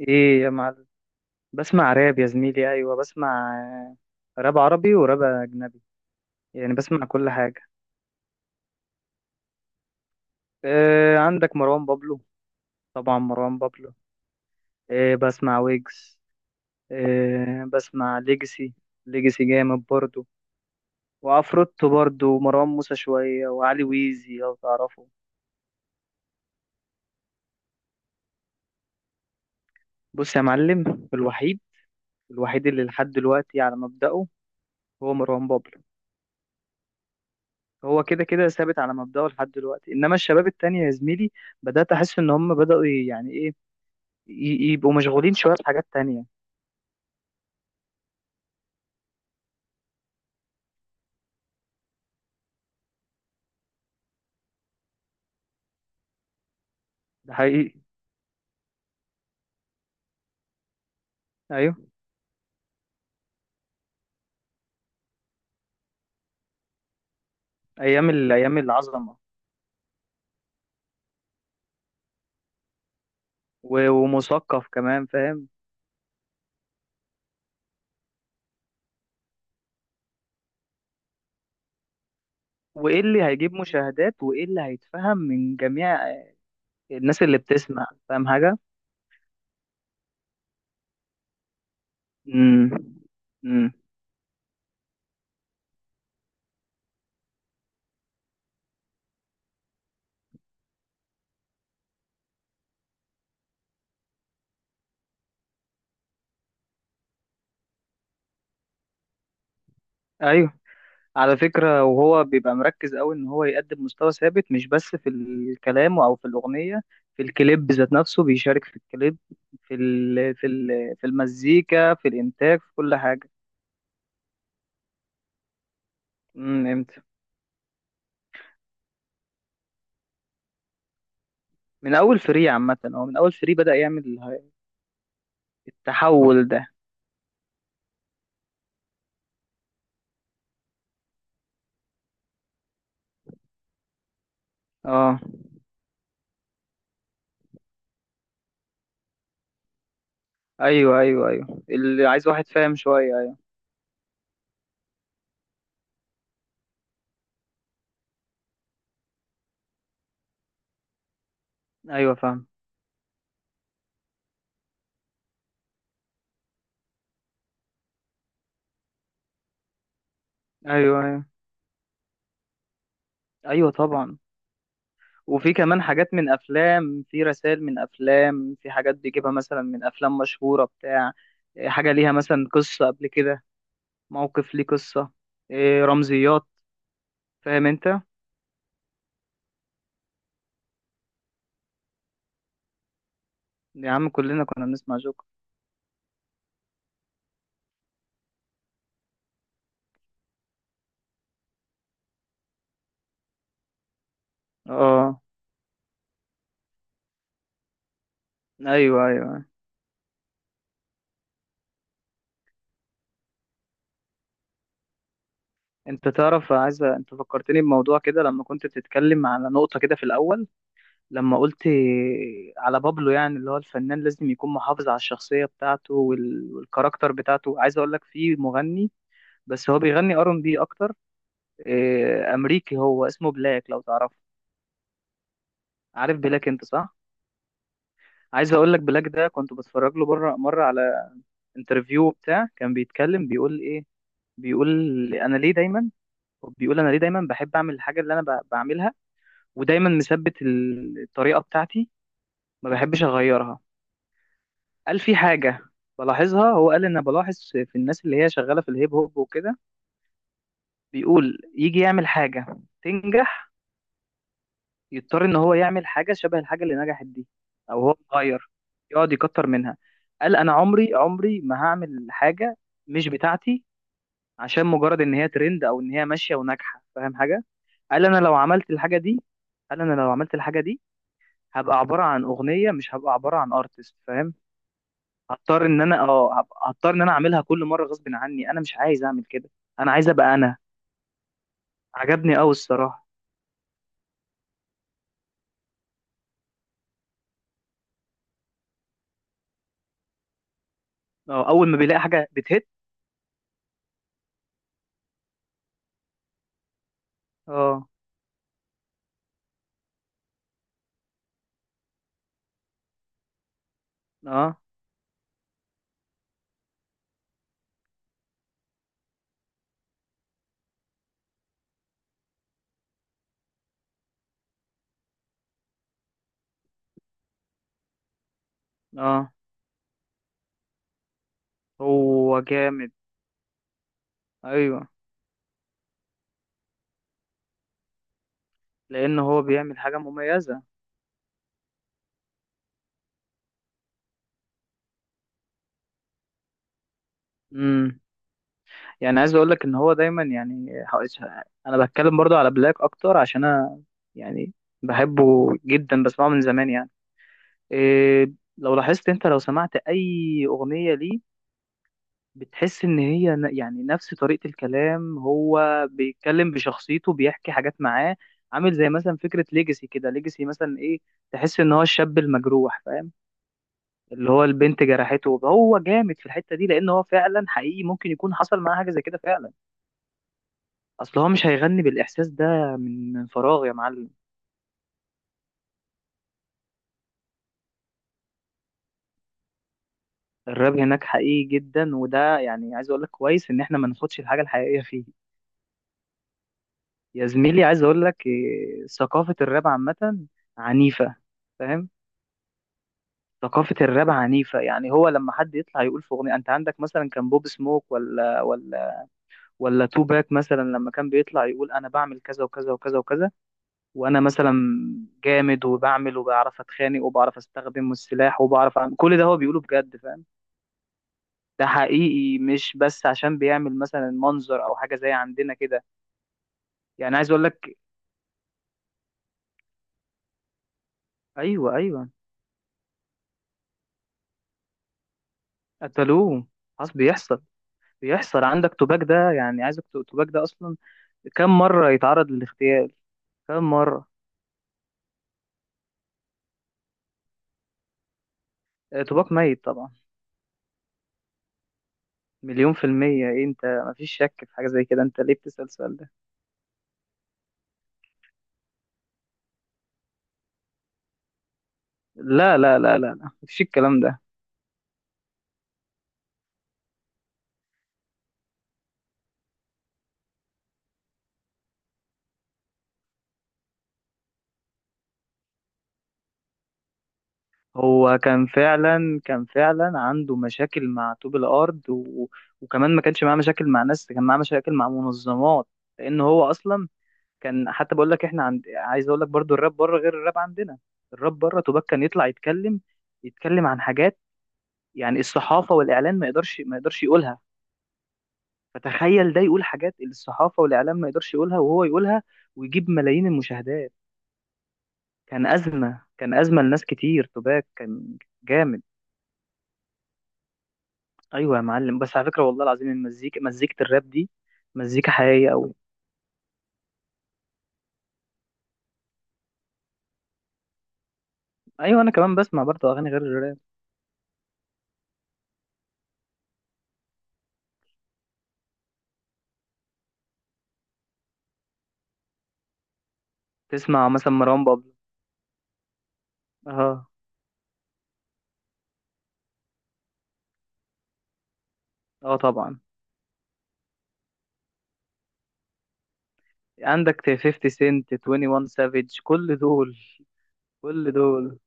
ايه يا معلم. بسمع راب يا زميلي، ايوه بسمع. آه، راب عربي وراب اجنبي. يعني بسمع كل حاجه. إيه، عندك مروان بابلو؟ طبعا مروان بابلو. إيه، بسمع ويجز. إيه، بسمع ليجسي. ليجسي جامد برضو. وعفروتو برضو ومروان موسى شويه وعلي ويزي لو تعرفه. بص يا معلم، الوحيد الوحيد اللي لحد دلوقتي على مبدأه هو مروان بابلو. هو كده كده ثابت على مبدأه لحد دلوقتي، انما الشباب التانية يا زميلي بدأت أحس إن هم بدأوا يعني إيه، يبقوا مشغولين شوية بحاجات تانية. ده حقيقي. أيوه. أيام العظمة، ومثقف كمان، فاهم. وإيه اللي هيجيب مشاهدات وإيه اللي هيتفهم من جميع الناس اللي بتسمع؟ فاهم حاجة؟ امم. امم. أيوه. على فكرة، وهو بيبقى مركز أوي إن هو يقدم مستوى ثابت مش بس في الكلام أو في الأغنية، في الكليب ذات نفسه بيشارك في الكليب، في المزيكا في الإنتاج في كل حاجة. امم. من اول فري عامه، من اول فري بدأ يعمل التحول ده. اه، ايوه، ايوه، ايوه، اللي عايز واحد فاهم شويه، ايوه. ايوه، فاهم. ايوه، ايوه، ايوه، طبعا. وفي كمان حاجات من افلام، في رسائل من افلام، في حاجات بيجيبها مثلا من افلام مشهوره بتاع إيه، حاجه ليها مثلا قصه قبل كده، موقف ليه قصه، إيه، رمزيات. فاهم انت. يا عم، كلنا كنا بنسمع جوكر. اه، ايوه، ايوه. انت تعرف، عايز انت فكرتني بموضوع كده لما كنت بتتكلم على نقطة كده في الأول لما قلت على بابلو، يعني اللي هو الفنان لازم يكون محافظ على الشخصية بتاعته والكاركتر بتاعته، عايز اقول لك في مغني، بس هو بيغني ار ان بي اكتر. اه، امريكي، هو اسمه بلاك، لو تعرفه. عارف بلاك، انت صح. عايز اقول لك، بلاك ده كنت بتفرج له بره مرة على انترفيو بتاع، كان بيتكلم بيقول ايه. بيقول انا ليه دايما بيقول انا ليه دايما بحب اعمل الحاجة اللي انا بعملها، ودايما مثبت الطريقه بتاعتي، ما بحبش اغيرها. قال في حاجه بلاحظها، هو قال ان أنا بلاحظ في الناس اللي هي شغاله في الهيب هوب وكده، بيقول يجي يعمل حاجه تنجح، يضطر ان هو يعمل حاجه شبه الحاجه اللي نجحت دي، او هو مغير، يقعد يكتر منها. قال انا عمري عمري ما هعمل حاجه مش بتاعتي عشان مجرد ان هي ترند او ان هي ماشيه وناجحه، فاهم حاجه؟ قال انا لو عملت الحاجه دي قال انا لو عملت الحاجه دي، هبقى عباره عن اغنيه مش هبقى عباره عن ارتست، فاهم. هضطر ان انا اعملها كل مره غصب عني، انا مش عايز اعمل كده، انا عايز ابقى انا. عجبني قوي الصراحه. اه، اول ما بيلاقي حاجه بتهت. اه، اه. اه. هو جامد. ايوه. لان هو بيعمل حاجه مميزه. امم. يعني عايز اقول لك ان هو دايما، يعني انا بتكلم برضو على بلاك اكتر عشان انا، يعني بحبه جدا بسمعه من زمان يعني. إيه، لو لاحظت انت لو سمعت اي اغنيه ليه، بتحس ان هي يعني نفس طريقة الكلام، هو بيتكلم بشخصيته، بيحكي حاجات معاه. عامل زي مثلا فكرة ليجاسي كده، ليجاسي مثلا ايه، تحس ان هو الشاب المجروح، فاهم، اللي هو البنت جرحته. هو جامد في الحتة دي لان هو فعلا حقيقي، ممكن يكون حصل معاه حاجة زي كده فعلا. اصل هو مش هيغني بالاحساس ده من فراغ يا معلم. الراب هناك حقيقي جدا، وده يعني عايز اقول لك، كويس ان احنا ما ناخدش الحاجة الحقيقية فيه. يا زميلي، عايز اقول لك إيه، ثقافة الراب عامة عنيفة، فاهم. ثقافة الراب عنيفة، يعني هو لما حد يطلع يقول في أغنية، أنت عندك مثلا كان بوب سموك، ولا توباك مثلا، لما كان بيطلع يقول أنا بعمل كذا وكذا وكذا وكذا، وأنا مثلا جامد وبعمل وبعرف أتخانق وبعرف أستخدم السلاح وبعرف أعمل كل ده، هو بيقوله بجد، فاهم. ده حقيقي مش بس عشان بيعمل مثلا منظر أو حاجة زي عندنا كده. يعني عايز أقول لك. أيوه، أيوه. قتلوه. خلاص بيحصل. عندك توباك ده، يعني عايزك، توباك ده أصلا كم مرة يتعرض للاغتيال، كم مرة. آه، طوباك ميت طبعا. مليون في المية، إيه أنت، مفيش شك في حاجة زي كده، أنت ليه بتسأل السؤال ده؟ لا لا لا لا لا، مفيش الكلام ده. هو كان فعلا عنده مشاكل مع طوب الأرض و... وكمان ما كانش معاه مشاكل مع ناس، كان معاه مشاكل مع منظمات، لأن هو أصلا كان، حتى بقول لك إحنا عند، عايز أقول لك برضو الراب بره غير الراب عندنا. الراب بره طوباك كان يطلع يتكلم، عن حاجات يعني الصحافة والإعلان ما يقدرش يقولها، فتخيل ده يقول حاجات الصحافة والإعلام ما يقدرش يقولها وهو يقولها ويجيب ملايين المشاهدات. كان أزمة كان أزمة لناس كتير، توباك كان جامد. أيوة يا معلم، بس على فكرة والله العظيم، مزيكة الراب دي مزيكا حقيقية أوي. أيوة، أنا كمان بسمع برضه أغاني غير الراب. تسمع مثلا مروان بابلو. أه. أه طبعا. عندك 50 سنت، 21 سافيج، كل دول كل دول،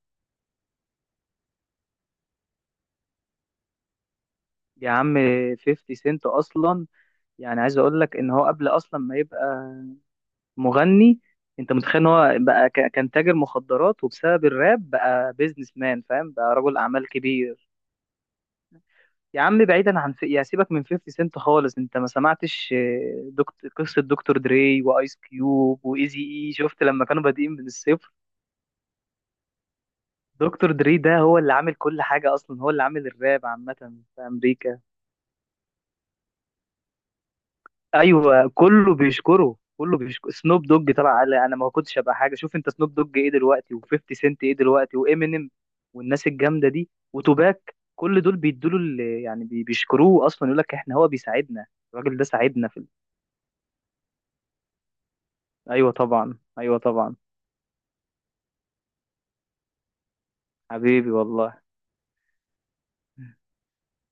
يا عم. 50 سنت أصلا، يعني عايز أقول لك إن هو قبل أصلا ما يبقى مغني. انت متخيل ان هو بقى كان تاجر مخدرات وبسبب الراب بقى بيزنس مان، فاهم، بقى رجل اعمال كبير. يا عم، بعيدا عن يا سيبك من 50 سنت خالص، انت ما سمعتش، آه، دكتور قصة دكتور دري وايس كيوب وايزي اي، شفت لما كانوا بادئين من الصفر؟ دكتور دري ده هو اللي عامل كل حاجة، اصلا هو اللي عامل الراب عامة في امريكا. ايوه، كله بيشكر سنوب دوج، طلع قال انا ما كنتش ابقى حاجه، شوف انت سنوب دوج ايه دلوقتي و50 سنت ايه دلوقتي وامينيم والناس الجامده دي وتوباك، كل دول بيدوا له، يعني بيشكروه اصلا، يقول لك احنا، هو بيساعدنا. الراجل ده ساعدنا في ايوه طبعا، ايوه طبعا. حبيبي والله.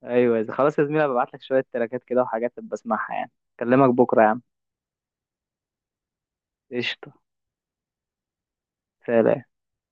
ايوه يا زلمة. خلاص يا زميلي، ببعت لك شويه تراكات كده وحاجات بسمعها يعني. اكلمك بكره يا عم. قشطه. سلام.